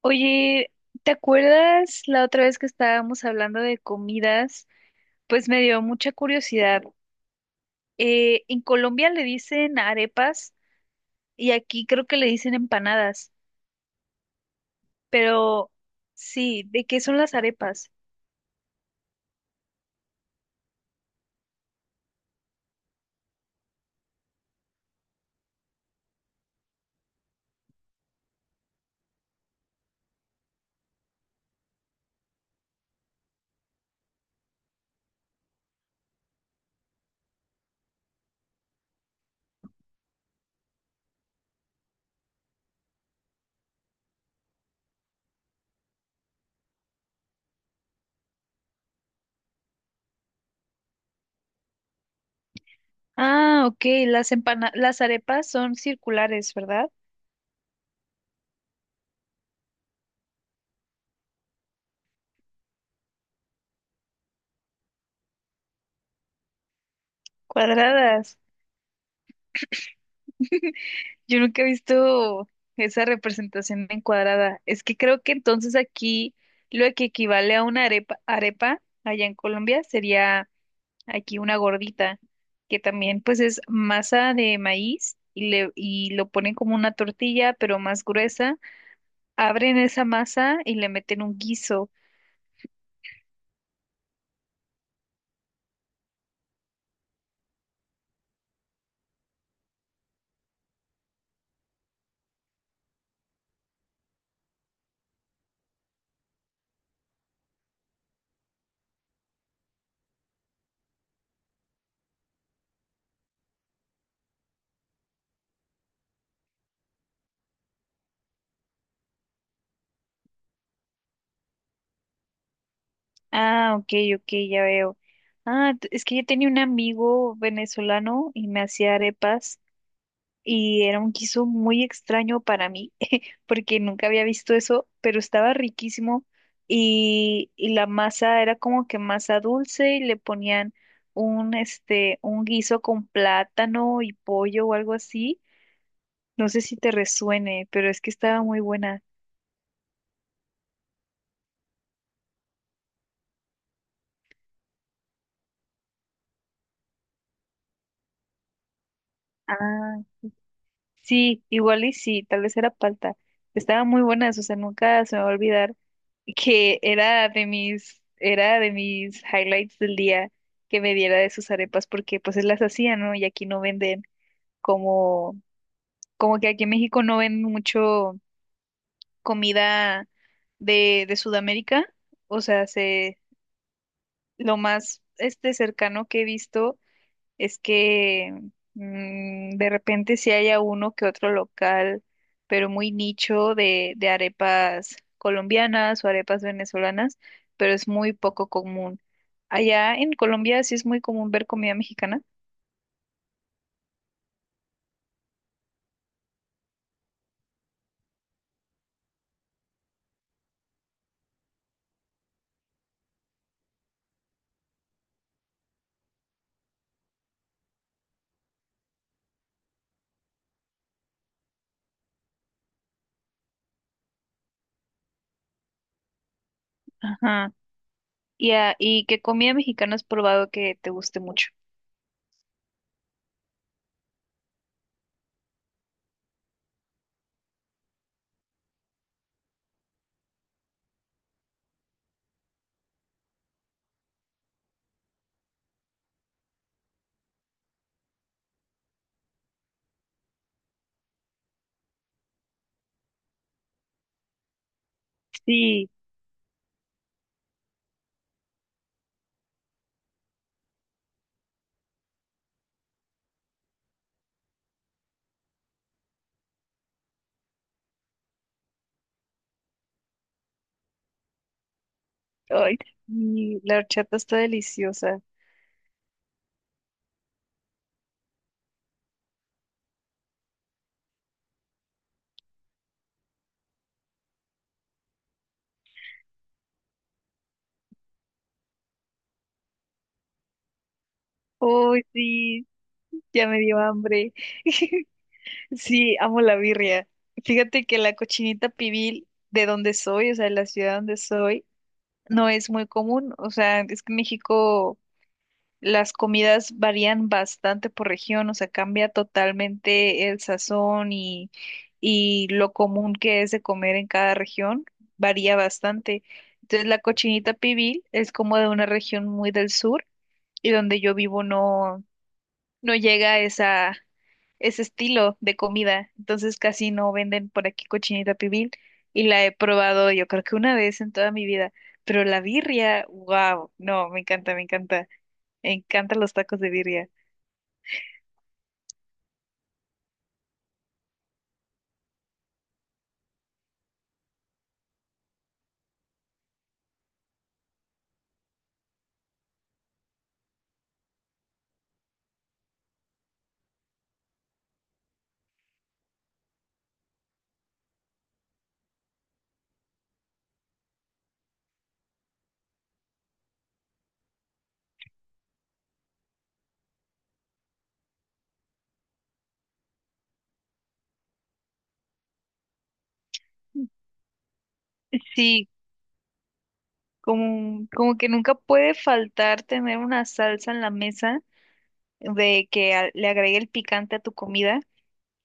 Oye, ¿te acuerdas la otra vez que estábamos hablando de comidas? Pues me dio mucha curiosidad. En Colombia le dicen arepas y aquí creo que le dicen empanadas, pero sí, ¿de qué son las arepas? Ah, ok, las arepas son circulares, ¿verdad? Cuadradas. Yo nunca he visto esa representación en cuadrada. Es que creo que entonces aquí lo que equivale a una arepa allá en Colombia sería aquí una gordita, que también pues es masa de maíz y lo ponen como una tortilla, pero más gruesa. Abren esa masa y le meten un guiso. Ah, ok, ok, ya veo. Ah, es que yo tenía un amigo venezolano y me hacía arepas y era un guiso muy extraño para mí porque nunca había visto eso, pero estaba riquísimo y la masa era como que masa dulce y le ponían un, este, un guiso con plátano y pollo o algo así. No sé si te resuene, pero es que estaba muy buena. Ah, sí, igual y sí, tal vez era palta. Estaba muy buena, o sea, nunca se me va a olvidar que era era de mis highlights del día que me diera de sus arepas porque pues él las hacía, ¿no? Y aquí no venden. como, como que aquí en México no ven mucho comida de Sudamérica. O sea, lo más este cercano que he visto es que de repente sí haya uno que otro local, pero muy nicho de arepas colombianas o arepas venezolanas, pero es muy poco común. Allá en Colombia sí es muy común ver comida mexicana. Ajá. Y, ¿y qué comida mexicana has probado que te guste mucho? Sí. Ay, sí, la horchata está deliciosa. Uy sí, ya me dio hambre. Sí, amo la birria. Fíjate que la cochinita pibil de donde soy, o sea, de la ciudad donde soy, no es muy común. O sea, es que en México las comidas varían bastante por región, o sea, cambia totalmente el sazón y lo común que es de comer en cada región, varía bastante. Entonces, la cochinita pibil es como de una región muy del sur y donde yo vivo no, no llega esa, ese estilo de comida, entonces casi no venden por aquí cochinita pibil y la he probado yo creo que una vez en toda mi vida, pero la birria, wow, no, me encanta, me encanta, me encantan los tacos de birria. Sí, como, como que nunca puede faltar tener una salsa en la mesa de que le agregue el picante a tu comida.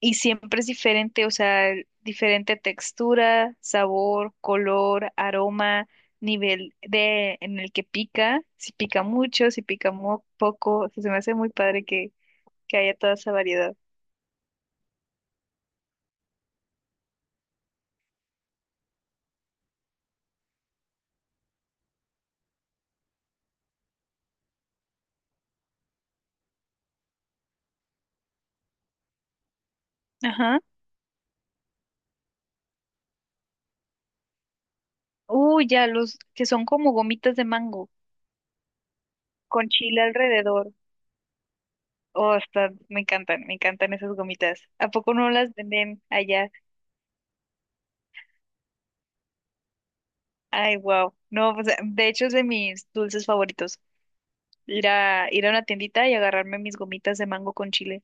Y siempre es diferente, o sea, diferente textura, sabor, color, aroma, nivel de en el que pica, si pica mucho, si pica muy poco, o sea, se me hace muy padre que haya toda esa variedad. Ajá. Uy, ya, los que son como gomitas de mango, con chile alrededor. Oh, está, me encantan esas gomitas. ¿A poco no las venden allá? Ay, wow. No, o sea, de hecho es de mis dulces favoritos. Ir a, ir a una tiendita y agarrarme mis gomitas de mango con chile.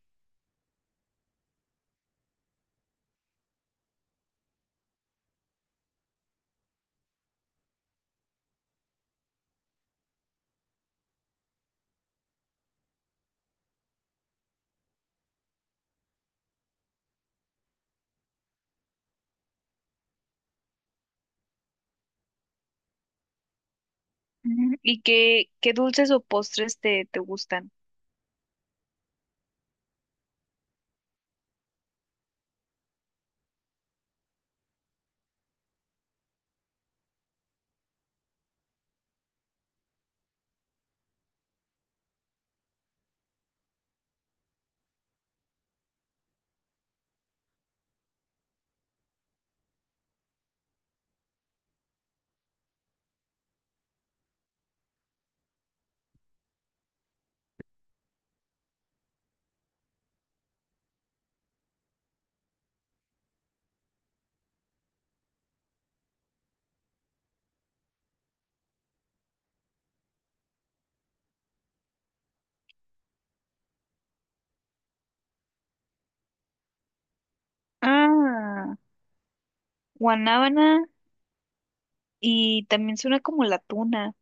Ujú. ¿Y qué, qué dulces o postres te, te gustan? Ah, guanábana y también suena como la tuna.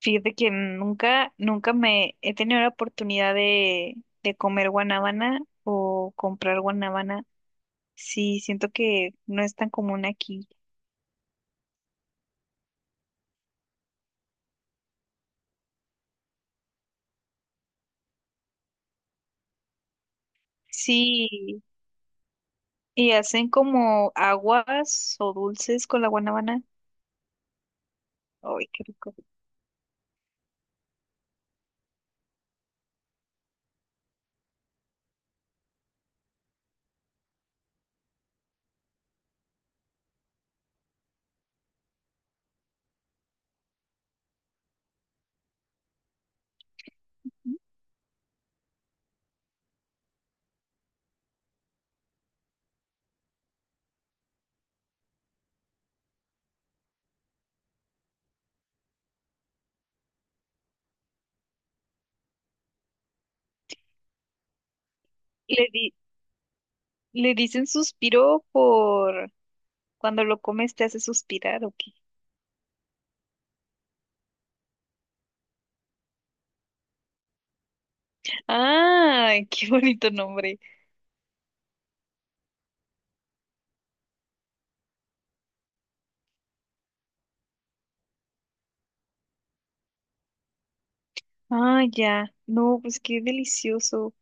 Fíjate que nunca, nunca me he tenido la oportunidad de comer guanábana o comprar guanábana. Sí, siento que no es tan común aquí. Sí, y hacen como aguas o dulces con la guanábana. Ay, qué rico. Le di- Le dicen suspiro por cuando lo comes te hace suspirar, ¿o qué? ¡Ay, qué bonito nombre! Ah, ya. No, pues qué delicioso.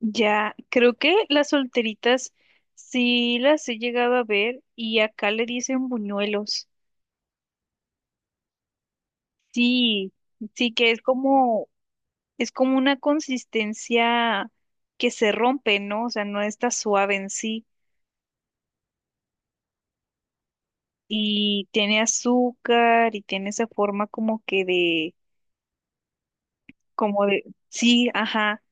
Ya, creo que las solteritas sí las he llegado a ver y acá le dicen buñuelos. Sí, sí que es como una consistencia que se rompe, ¿no? O sea, no está suave en sí y tiene azúcar y tiene esa forma como que de. Como de, sí, ajá,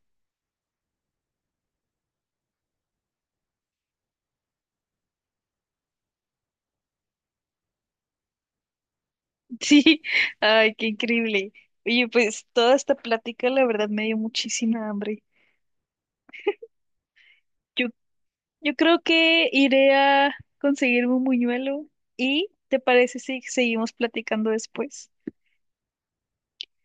sí, ay, qué increíble. Oye, pues toda esta plática la verdad me dio muchísima hambre. Yo, yo creo que iré a conseguirme un buñuelo y ¿te parece si seguimos platicando después?